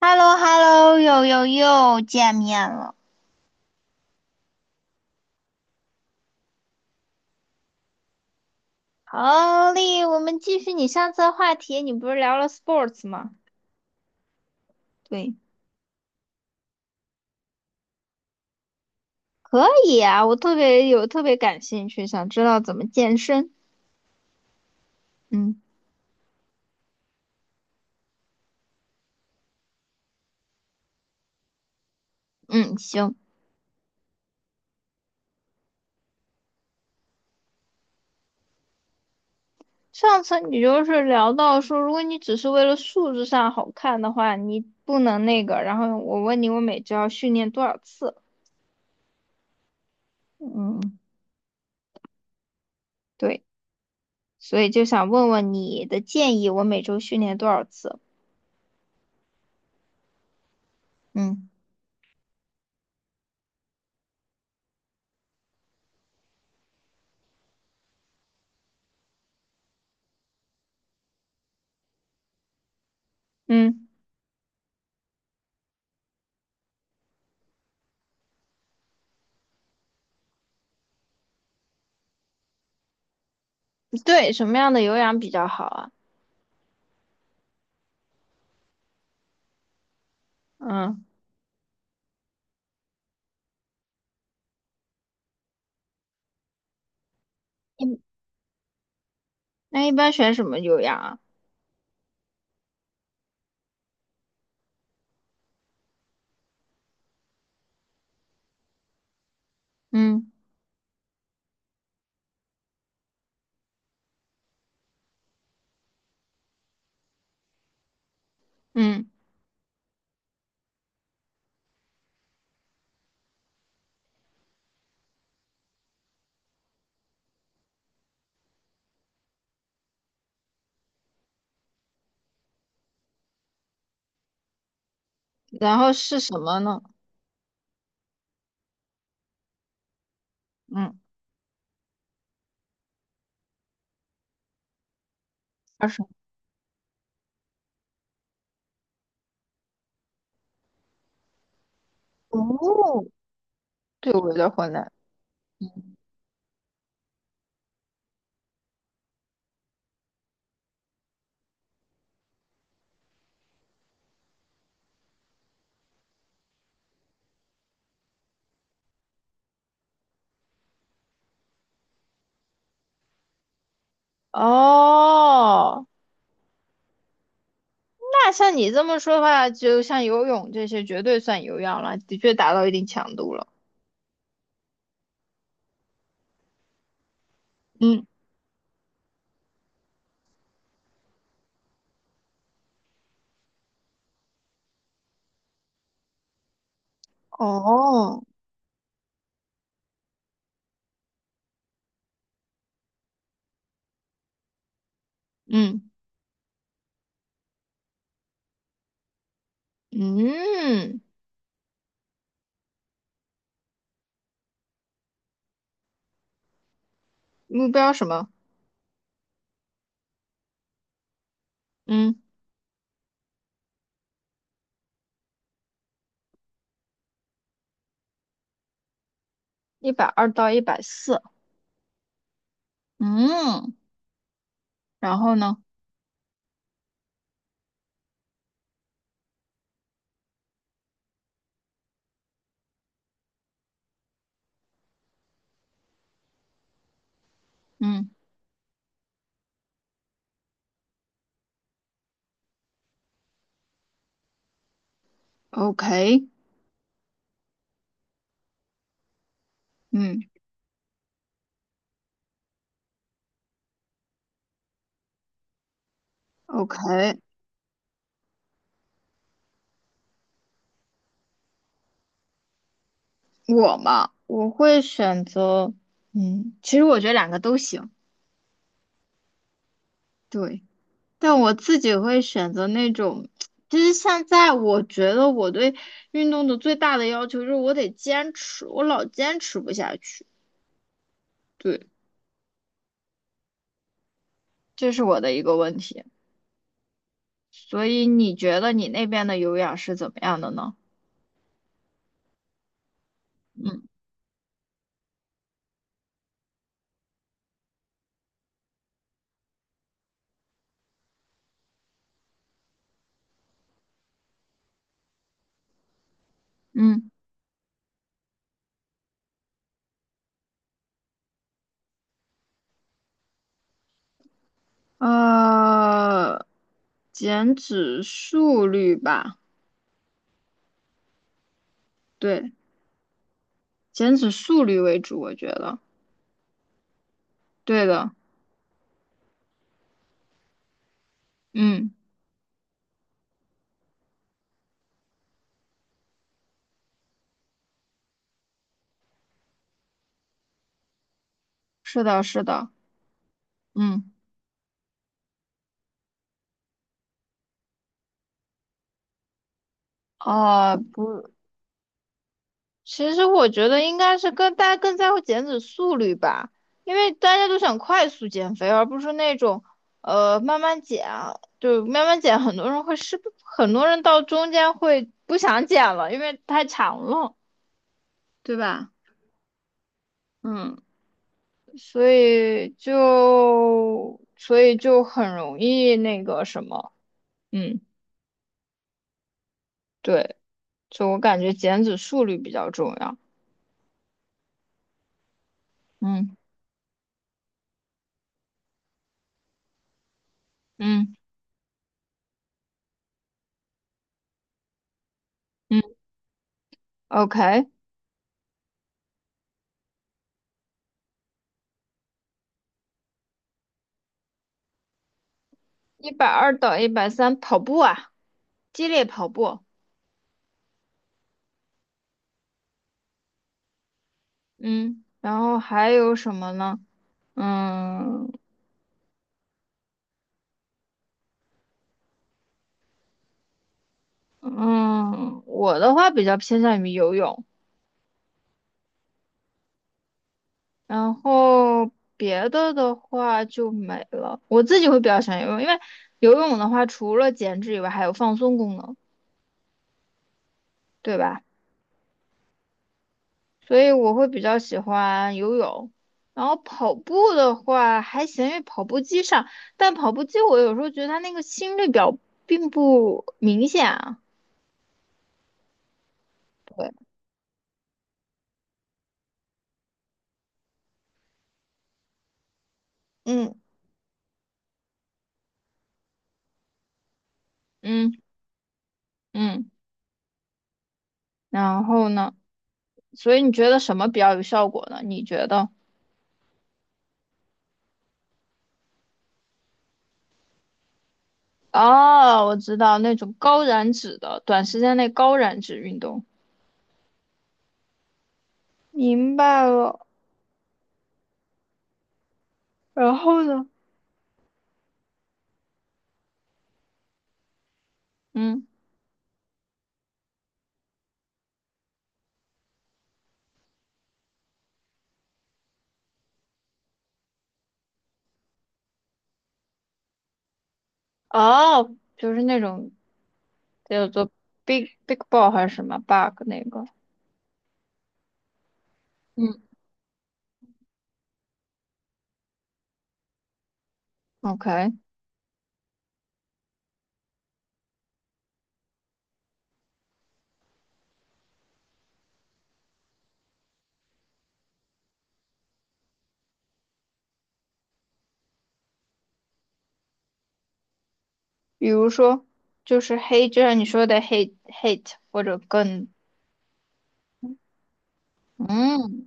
Hello hello 又又又见面了。好嘞，我们继续你上次的话题，你不是聊了 sports 吗？对，可以啊，我特别感兴趣，想知道怎么健身。嗯嗯，行。上次你就是聊到说，如果你只是为了数字上好看的话，你不能那个。然后我问你，我每周要训练多少次？嗯，对，所以就想问问你的建议，我每周训练多少次？嗯，嗯，对，什么样的有氧比较好啊？嗯一那一般选什么有氧啊？嗯嗯，然后是什么呢？嗯，20哦，对我有点混乱。嗯哦，那像你这么说的话，就像游泳这些，绝对算有氧了，的确达到一定强度了。嗯哦，嗯嗯，目标什么？嗯120 到 140。嗯，然后呢？嗯，OK。嗯。OK，我嘛，我会选择，其实我觉得两个都行。对，但我自己会选择那种。其实现在我觉得我对运动的最大的要求就是我得坚持，我老坚持不下去，对，这是我的一个问题。所以你觉得你那边的有氧是怎么样的呢？嗯嗯，呃，减脂速率吧，对，减脂速率为主，我觉得，对的。嗯，是的，是的，嗯，哦，不，其实我觉得应该是跟大家更在乎减脂速率吧，因为大家都想快速减肥，而不是那种慢慢减啊，就慢慢减。很多人到中间会不想减了，因为太长了，对吧？嗯，所以就很容易那个什么，嗯，对，就我感觉减脂速率比较重要，嗯。嗯。嗯，OK，120 到 130跑步啊，激烈跑步。嗯，然后还有什么呢？嗯嗯，我的话比较偏向于游泳，然后别的的话就没了。我自己会比较喜欢游泳，因为游泳的话除了减脂以外，还有放松功能，对吧？所以我会比较喜欢游泳，然后跑步的话还行，因为跑步机上，但跑步机我有时候觉得它那个心率表并不明显啊。对，嗯，嗯嗯，然后呢？所以你觉得什么比较有效果呢？你觉得？哦，我知道那种高燃脂的，短时间内高燃脂运动。明白了。然后呢？嗯，哦，就是那种叫做 big big ball 还是什么 bug 那个。嗯。OK，比如说就是黑，就像你说的 hate hate 或者更，嗯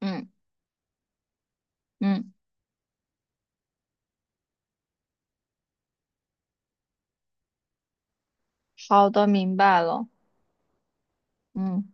嗯嗯，好的，明白了，嗯。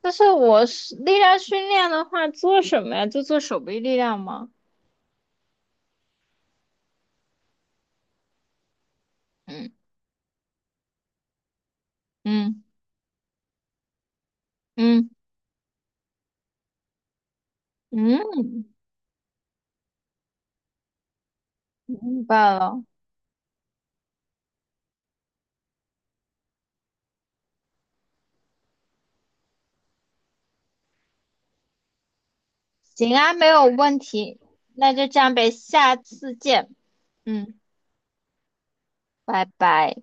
但是我是力量训练的话，做什么呀？就做手臂力量吗？嗯嗯嗯嗯，明白了。行啊，没有问题。那就这样呗，下次见。嗯，拜拜。